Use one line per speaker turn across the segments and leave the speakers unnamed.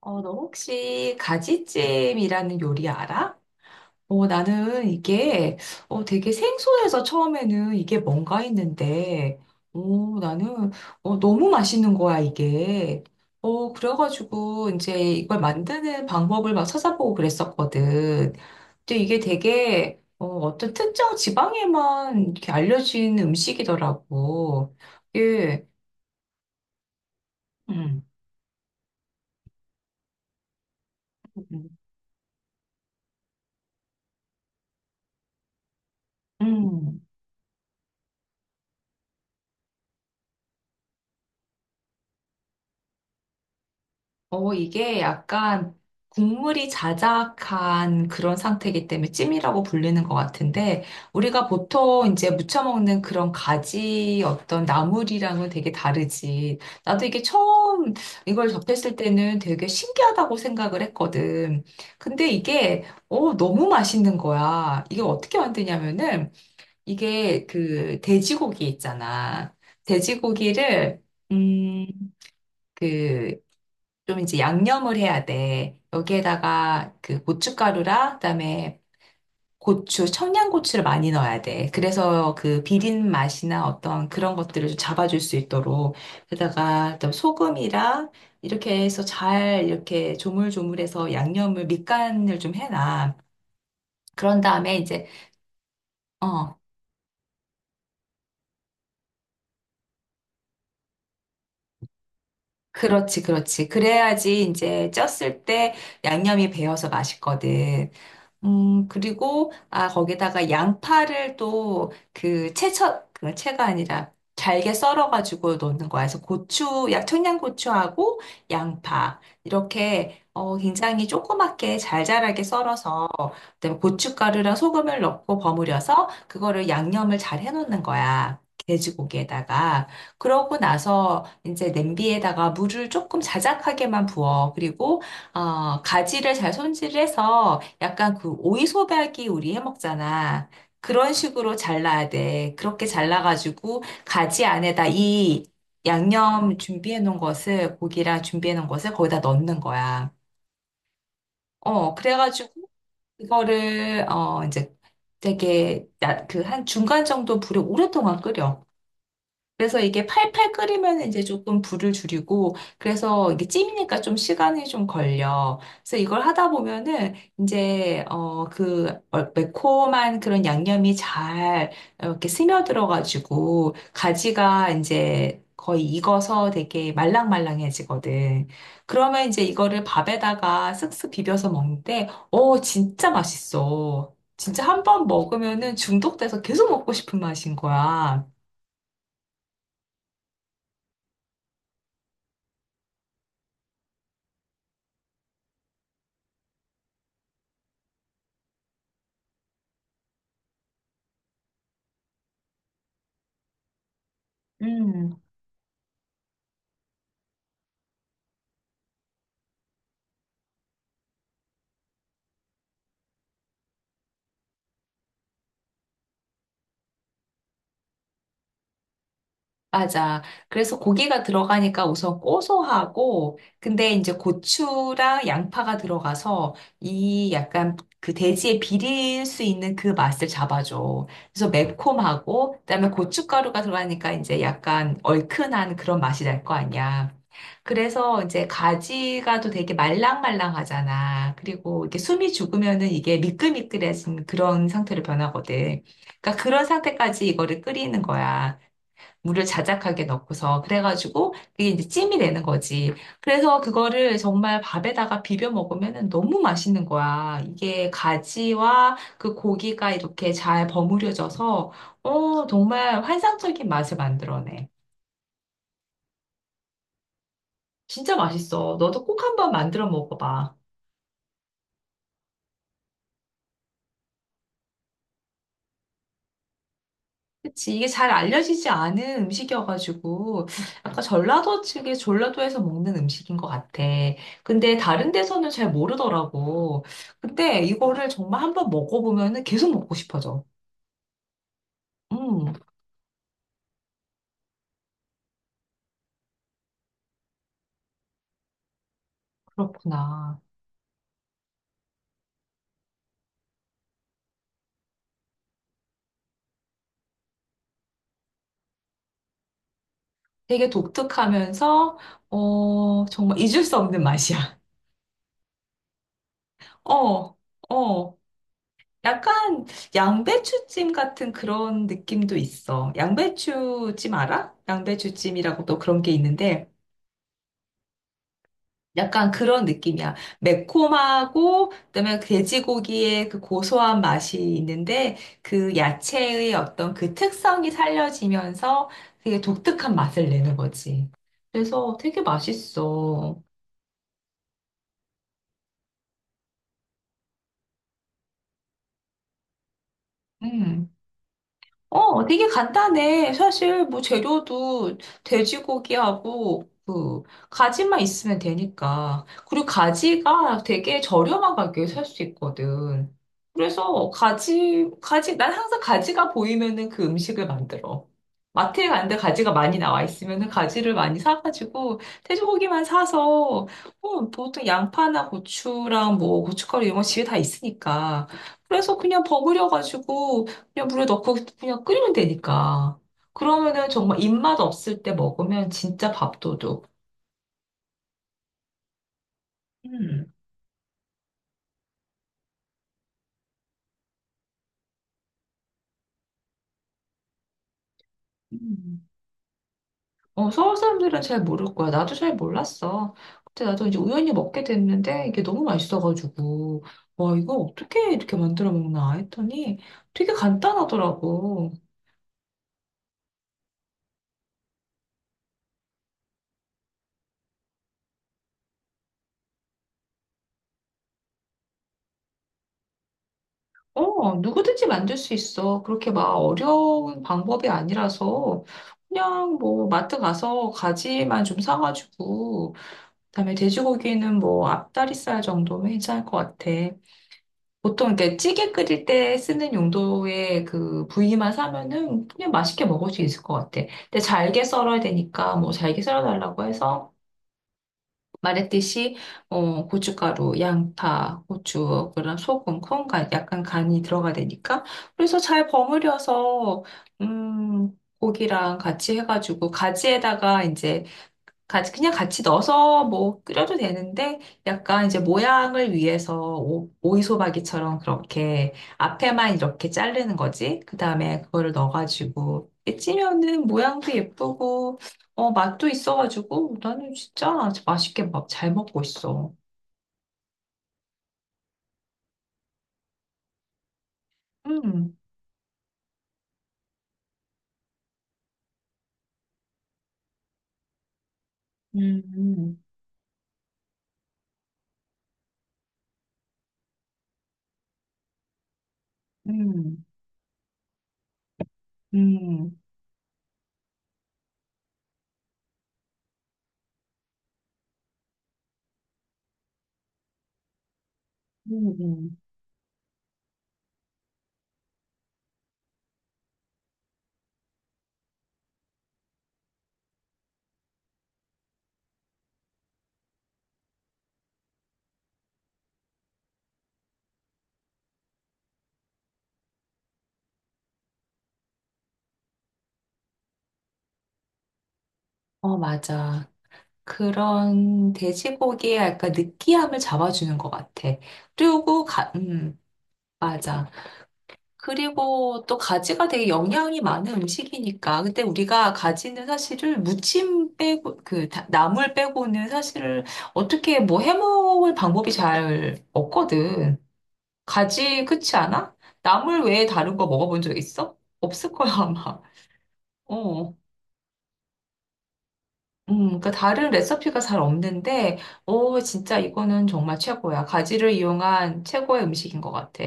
너 혹시 가지찜이라는 요리 알아? 나는 이게 되게 생소해서 처음에는 이게 뭔가 했는데, 나는 너무 맛있는 거야, 이게. 그래가지고 이제 이걸 만드는 방법을 막 찾아보고 그랬었거든. 근데 이게 되게 어떤 특정 지방에만 이렇게 알려진 음식이더라고. 예. 음. 음. 음. 이게 약간 국물이 자작한 그런 상태이기 때문에 찜이라고 불리는 것 같은데, 우리가 보통 이제 무쳐 먹는 그런 가지 어떤 나물이랑은 되게 다르지. 나도 이게 처음 이걸 접했을 때는 되게 신기하다고 생각을 했거든. 근데 이게, 너무 맛있는 거야. 이게 어떻게 만드냐면은, 이게 그 돼지고기 있잖아. 돼지고기를, 음, 그, 좀 이제 양념을 해야 돼. 여기에다가 그 고춧가루랑 그다음에 고추, 청양고추를 많이 넣어야 돼. 그래서 그 비린 맛이나 어떤 그런 것들을 좀 잡아줄 수 있도록. 게다가 또 소금이랑 이렇게 해서 잘 이렇게 조물조물해서 양념을 밑간을 좀 해놔. 그런 다음에 이제 어 그렇지, 그렇지. 그래야지 이제 쪘을 때 양념이 배어서 맛있거든. 그리고, 아, 거기다가 양파를 또 그 채쳐, 그 채가 아니라 잘게 썰어가지고 넣는 거야. 그래서 고추, 약 청양고추하고 양파. 이렇게, 굉장히 조그맣게 잘 자라게 썰어서, 그다음에 고춧가루랑 소금을 넣고 버무려서 그거를 양념을 잘 해놓는 거야. 돼지고기에다가. 그러고 나서 이제 냄비에다가 물을 조금 자작하게만 부어. 그리고 가지를 잘 손질해서 약간 그 오이소박이 우리 해 먹잖아. 그런 식으로 잘라야 돼. 그렇게 잘라가지고 가지 안에다 이 양념 준비해 놓은 것을 고기랑 준비해 놓은 것을 거기다 넣는 거야. 그래가지고 이거를 이제 되게 그 한 중간 정도 불에 오랫동안 끓여. 그래서 이게 팔팔 끓이면 이제 조금 불을 줄이고, 그래서 이게 찜이니까 좀 시간이 좀 걸려. 그래서 이걸 하다 보면은 이제, 그 매콤한 그런 양념이 잘 이렇게 스며들어가지고, 가지가 이제 거의 익어서 되게 말랑말랑해지거든. 그러면 이제 이거를 밥에다가 쓱쓱 비벼서 먹는데, 진짜 맛있어. 진짜 한번 먹으면은 중독돼서 계속 먹고 싶은 맛인 거야. 음. 맞아. 그래서 고기가 들어가니까 우선 고소하고, 근데 이제 고추랑 양파가 들어가서 이 약간 그 돼지의 비릴 수 있는 그 맛을 잡아줘. 그래서 매콤하고, 그다음에 고춧가루가 들어가니까 이제 약간 얼큰한 그런 맛이 날 거 아니야. 그래서 이제 가지가도 되게 말랑말랑하잖아. 그리고 이게 숨이 죽으면은 이게 미끌미끌해진 그런 상태로 변하거든. 그러니까 그런 상태까지 이거를 끓이는 거야. 물을 자작하게 넣고서 그래가지고 그게 이제 찜이 되는 거지. 그래서 그거를 정말 밥에다가 비벼 먹으면 너무 맛있는 거야. 이게 가지와 그 고기가 이렇게 잘 버무려져서 어 정말 환상적인 맛을 만들어내. 진짜 맛있어. 너도 꼭 한번 만들어 먹어봐. 그치. 이게 잘 알려지지 않은 음식이어가지고, 약간 전라도 측에 전라도에서 먹는 음식인 것 같아. 근데 다른 데서는 잘 모르더라고. 근데 이거를 정말 한번 먹어보면은 계속 먹고 싶어져. 음, 그렇구나. 되게 독특하면서, 정말 잊을 수 없는 맛이야. 어, 어. 약간 양배추찜 같은 그런 느낌도 있어. 양배추찜 알아? 양배추찜이라고 또 그런 게 있는데, 약간 그런 느낌이야. 매콤하고, 그다음에 돼지고기의 그 고소한 맛이 있는데, 그 야채의 어떤 그 특성이 살려지면서 되게 독특한 맛을 내는 거지. 그래서 되게 맛있어. 음. 되게 간단해. 사실 뭐 재료도 돼지고기하고 그 가지만 있으면 되니까. 그리고 가지가 되게 저렴한 가격에 살 수 있거든. 그래서 난 항상 가지가 보이면은 그 음식을 만들어. 마트에 가는데 가지가 많이 나와 있으면은 가지를 많이 사가지고 돼지고기만 사서 보통 양파나 고추랑 뭐 고춧가루 이런 거 집에 다 있으니까. 그래서 그냥 버무려가지고 그냥 물에 넣고 그냥 끓이면 되니까. 그러면은 정말 입맛 없을 때 먹으면 진짜 밥도둑. 음. 음. 서울 사람들은 잘 모를 거야. 나도 잘 몰랐어. 그때 나도 이제 우연히 먹게 됐는데 이게 너무 맛있어가지고 와 이거 어떻게 이렇게 만들어 먹나 했더니 되게 간단하더라고. 누구든지 만들 수 있어. 그렇게 막 어려운 방법이 아니라서 그냥 뭐 마트 가서 가지만 좀 사가지고 그다음에 돼지고기는 뭐 앞다리살 정도면 괜찮을 것 같아. 보통 이렇게 찌개 끓일 때 쓰는 용도의 그 부위만 사면은 그냥 맛있게 먹을 수 있을 것 같아. 근데 잘게 썰어야 되니까 뭐 잘게 썰어달라고 해서 말했듯이 고춧가루, 양파, 고추, 그런 소금, 콩, 간, 약간 간이 들어가 되니까 그래서 잘 버무려서 음, 고기랑 같이 해가지고 가지에다가 이제 같이 넣어서 뭐 끓여도 되는데 약간 이제 모양을 위해서 오이소박이처럼 그렇게 앞에만 이렇게 자르는 거지. 그다음에 그거를 넣어가지고 이렇게 찌면은 모양도 예쁘고 어 맛도 있어가지고 나는 진짜 맛있게 막 잘 먹고 있어. 음, 음, 음, 음, 음, 음. 어 맞아. 그런 돼지고기의 약간 느끼함을 잡아주는 것 같아. 그리고 가, 맞아. 그리고 또 가지가 되게 영양이 많은 음식이니까. 근데 우리가 가지는 사실을 무침 빼고, 그, 나물 빼고는 사실을 어떻게 뭐 해먹을 방법이 잘 없거든. 가지, 그렇지 않아? 나물 외에 다른 거 먹어본 적 있어? 없을 거야, 아마. 어. 그러니까 다른 레시피가 잘 없는데, 오, 진짜 이거는 정말 최고야. 가지를 이용한 최고의 음식인 것 같아.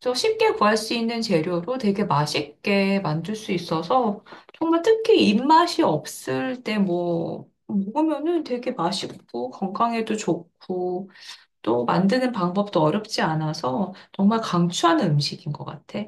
저 쉽게 구할 수 있는 재료로 되게 맛있게 만들 수 있어서, 정말 특히 입맛이 없을 때 뭐, 먹으면은 되게 맛있고, 건강에도 좋고, 또 만드는 방법도 어렵지 않아서, 정말 강추하는 음식인 것 같아.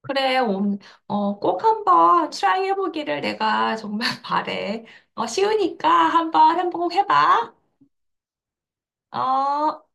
그래, 꼭 한번 트라이 해보기를 내가 정말 바래. 쉬우니까 한번 행복해봐. 어.